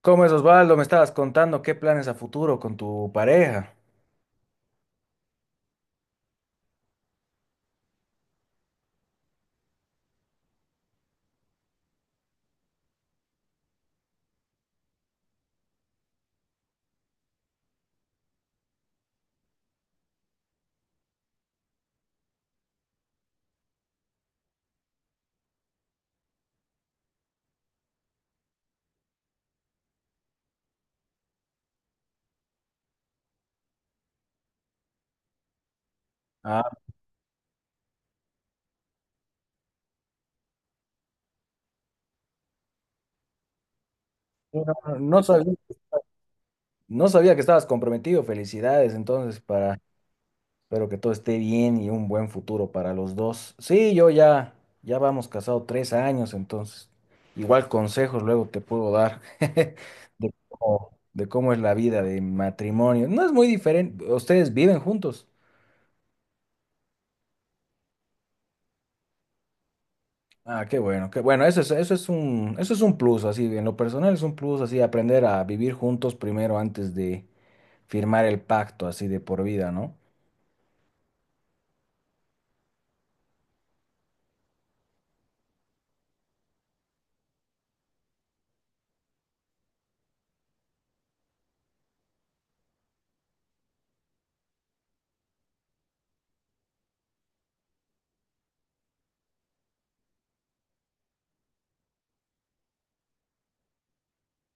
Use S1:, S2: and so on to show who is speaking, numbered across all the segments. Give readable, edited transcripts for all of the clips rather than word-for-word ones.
S1: ¿Cómo es, Osvaldo? Me estabas contando qué planes a futuro con tu pareja. Ah, no, no sabía, no sabía que estabas comprometido. Felicidades, entonces, para, espero que todo esté bien y un buen futuro para los dos. Sí, ya vamos casado 3 años, entonces, igual consejos luego te puedo dar de cómo es la vida de matrimonio. No es muy diferente. ¿Ustedes viven juntos? Ah, qué bueno, eso es un plus, así, en lo personal es un plus, así, aprender a vivir juntos primero antes de firmar el pacto, así, de por vida, ¿no?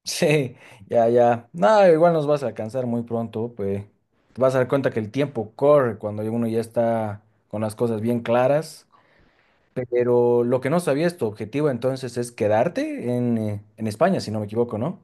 S1: Sí, ya, ya, nada, igual nos vas a alcanzar muy pronto, pues, te vas a dar cuenta que el tiempo corre cuando uno ya está con las cosas bien claras, pero lo que no sabías, tu objetivo entonces es quedarte en España, si no me equivoco, ¿no?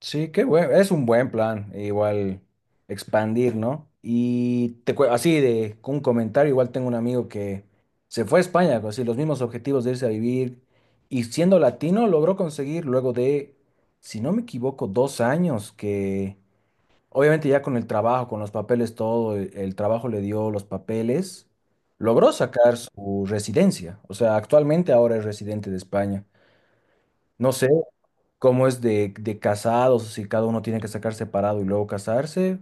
S1: Sí, qué bueno, es un buen plan, e igual expandir, ¿no? Y te, así de con un comentario, igual tengo un amigo que se fue a España con así los mismos objetivos de irse a vivir y siendo latino logró conseguir luego de, si no me equivoco, 2 años que obviamente ya con el trabajo, con los papeles, todo, el trabajo le dio los papeles, logró sacar su residencia, o sea, actualmente ahora es residente de España. No sé cómo es de casados, si cada uno tiene que sacar separado y luego casarse,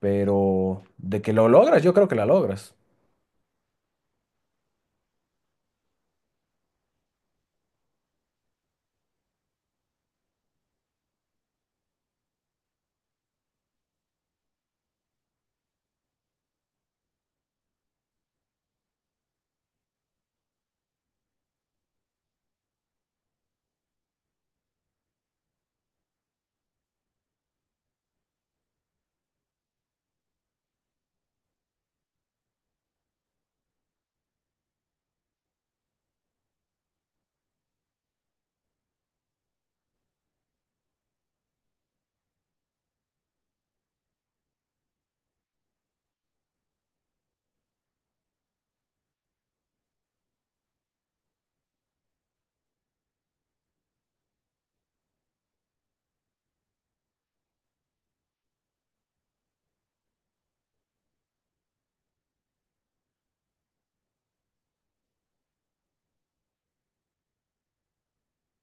S1: pero de que lo logras, yo creo que la logras.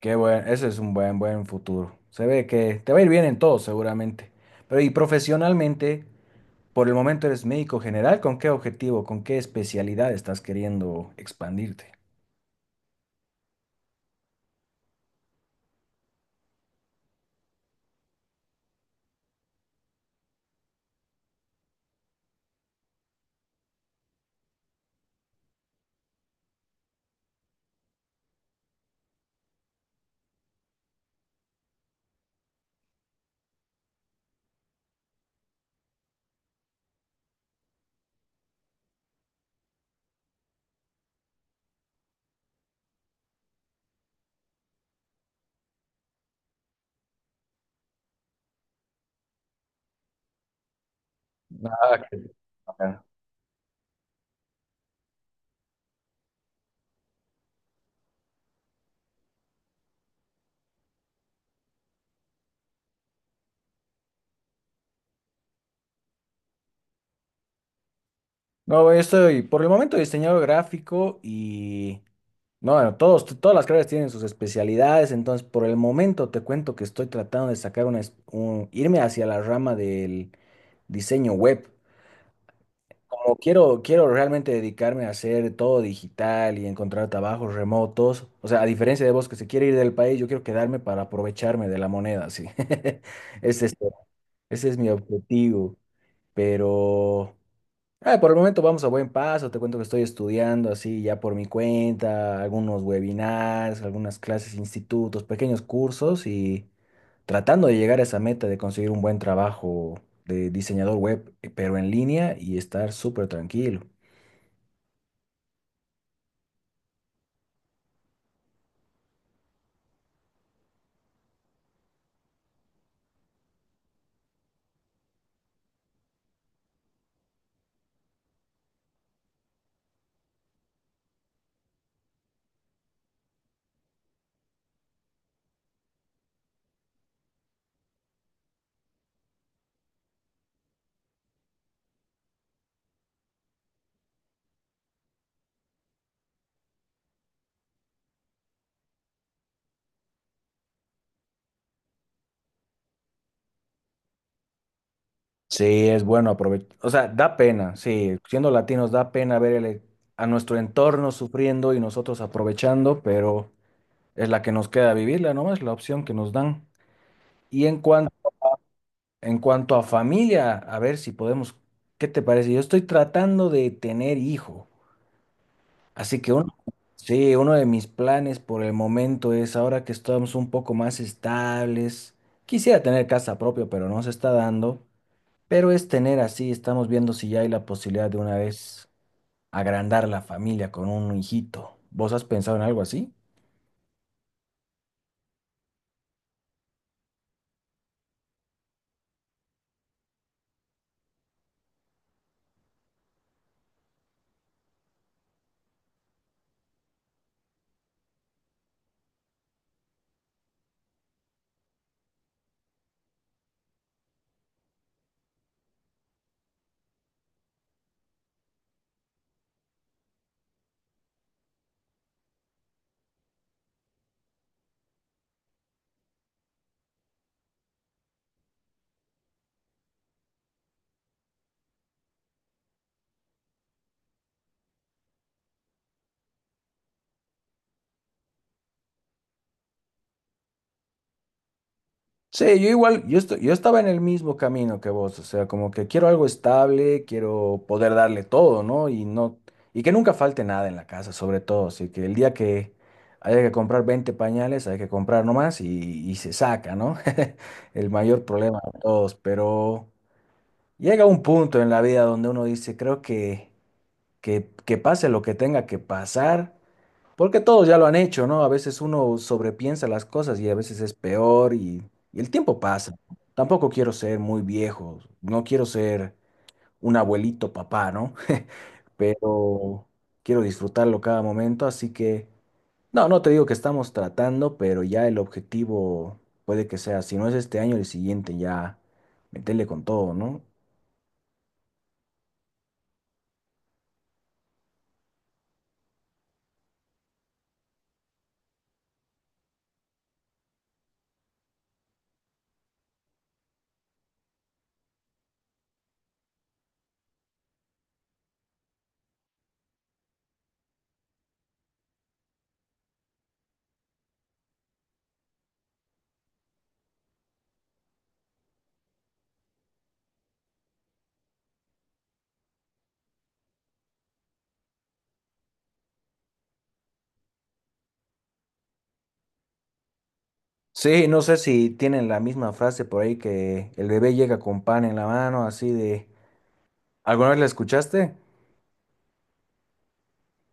S1: Qué bueno, ese es un buen, buen futuro. Se ve que te va a ir bien en todo, seguramente. Pero y profesionalmente, por el momento eres médico general, ¿con qué objetivo, con qué especialidad estás queriendo expandirte? Ah, qué- Ajá. No, yo estoy por el momento diseñador gráfico y no, bueno, todos, todas las carreras tienen sus especialidades, entonces por el momento te cuento que estoy tratando de sacar una, irme hacia la rama del diseño web. Como quiero, quiero realmente dedicarme a hacer todo digital y encontrar trabajos remotos, o sea, a diferencia de vos que se quiere ir del país, yo quiero quedarme para aprovecharme de la moneda, sí. Ese es, este, ese es mi objetivo, pero... Ah, por el momento vamos a buen paso. Te cuento que estoy estudiando así ya por mi cuenta, algunos webinars, algunas clases, institutos, pequeños cursos y tratando de llegar a esa meta de conseguir un buen trabajo de diseñador web, pero en línea y estar súper tranquilo. Sí, es bueno aprovechar. O sea, da pena, sí, siendo latinos da pena ver a nuestro entorno sufriendo y nosotros aprovechando, pero es la que nos queda vivirla, ¿no? Es la opción que nos dan. Y en cuanto En cuanto a familia, a ver si podemos, ¿qué te parece? Yo estoy tratando de tener hijo, así que uno, sí, uno de mis planes por el momento es, ahora que estamos un poco más estables, quisiera tener casa propia, pero no se está dando, pero es tener así, estamos viendo si ya hay la posibilidad de una vez agrandar la familia con un hijito. ¿Vos has pensado en algo así? Sí, yo igual, yo estaba en el mismo camino que vos, o sea, como que quiero algo estable, quiero poder darle todo, ¿no? Y no, y que nunca falte nada en la casa, sobre todo, así que el día que haya que comprar 20 pañales, hay que comprar nomás y se saca, ¿no? El mayor problema de todos, pero llega un punto en la vida donde uno dice, creo que pase lo que tenga que pasar. Porque todos ya lo han hecho, ¿no? A veces uno sobrepiensa las cosas y a veces es peor y el tiempo pasa. Tampoco quiero ser muy viejo, no quiero ser un abuelito papá, ¿no? Pero quiero disfrutarlo cada momento, así que no, no te digo que estamos tratando, pero ya el objetivo puede que sea, si no es este año, el siguiente ya meterle con todo, ¿no? Sí, no sé si tienen la misma frase por ahí que el bebé llega con pan en la mano, así de... ¿Alguna vez la escuchaste?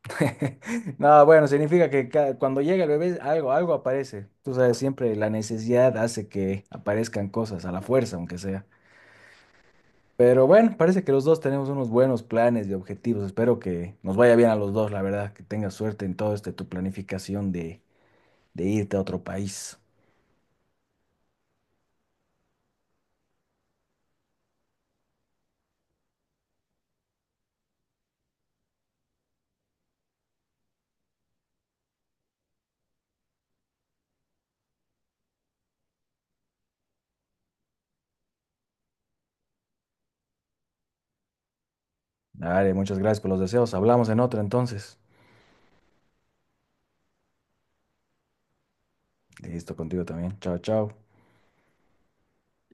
S1: No, bueno, significa que cuando llega el bebé, algo, algo aparece. Tú sabes, siempre la necesidad hace que aparezcan cosas a la fuerza, aunque sea. Pero bueno, parece que los dos tenemos unos buenos planes y objetivos. Espero que nos vaya bien a los dos, la verdad, que tengas suerte en todo este tu planificación de irte a otro país. Dale, muchas gracias por los deseos. Hablamos en otra entonces. Listo contigo también. Chao, chao.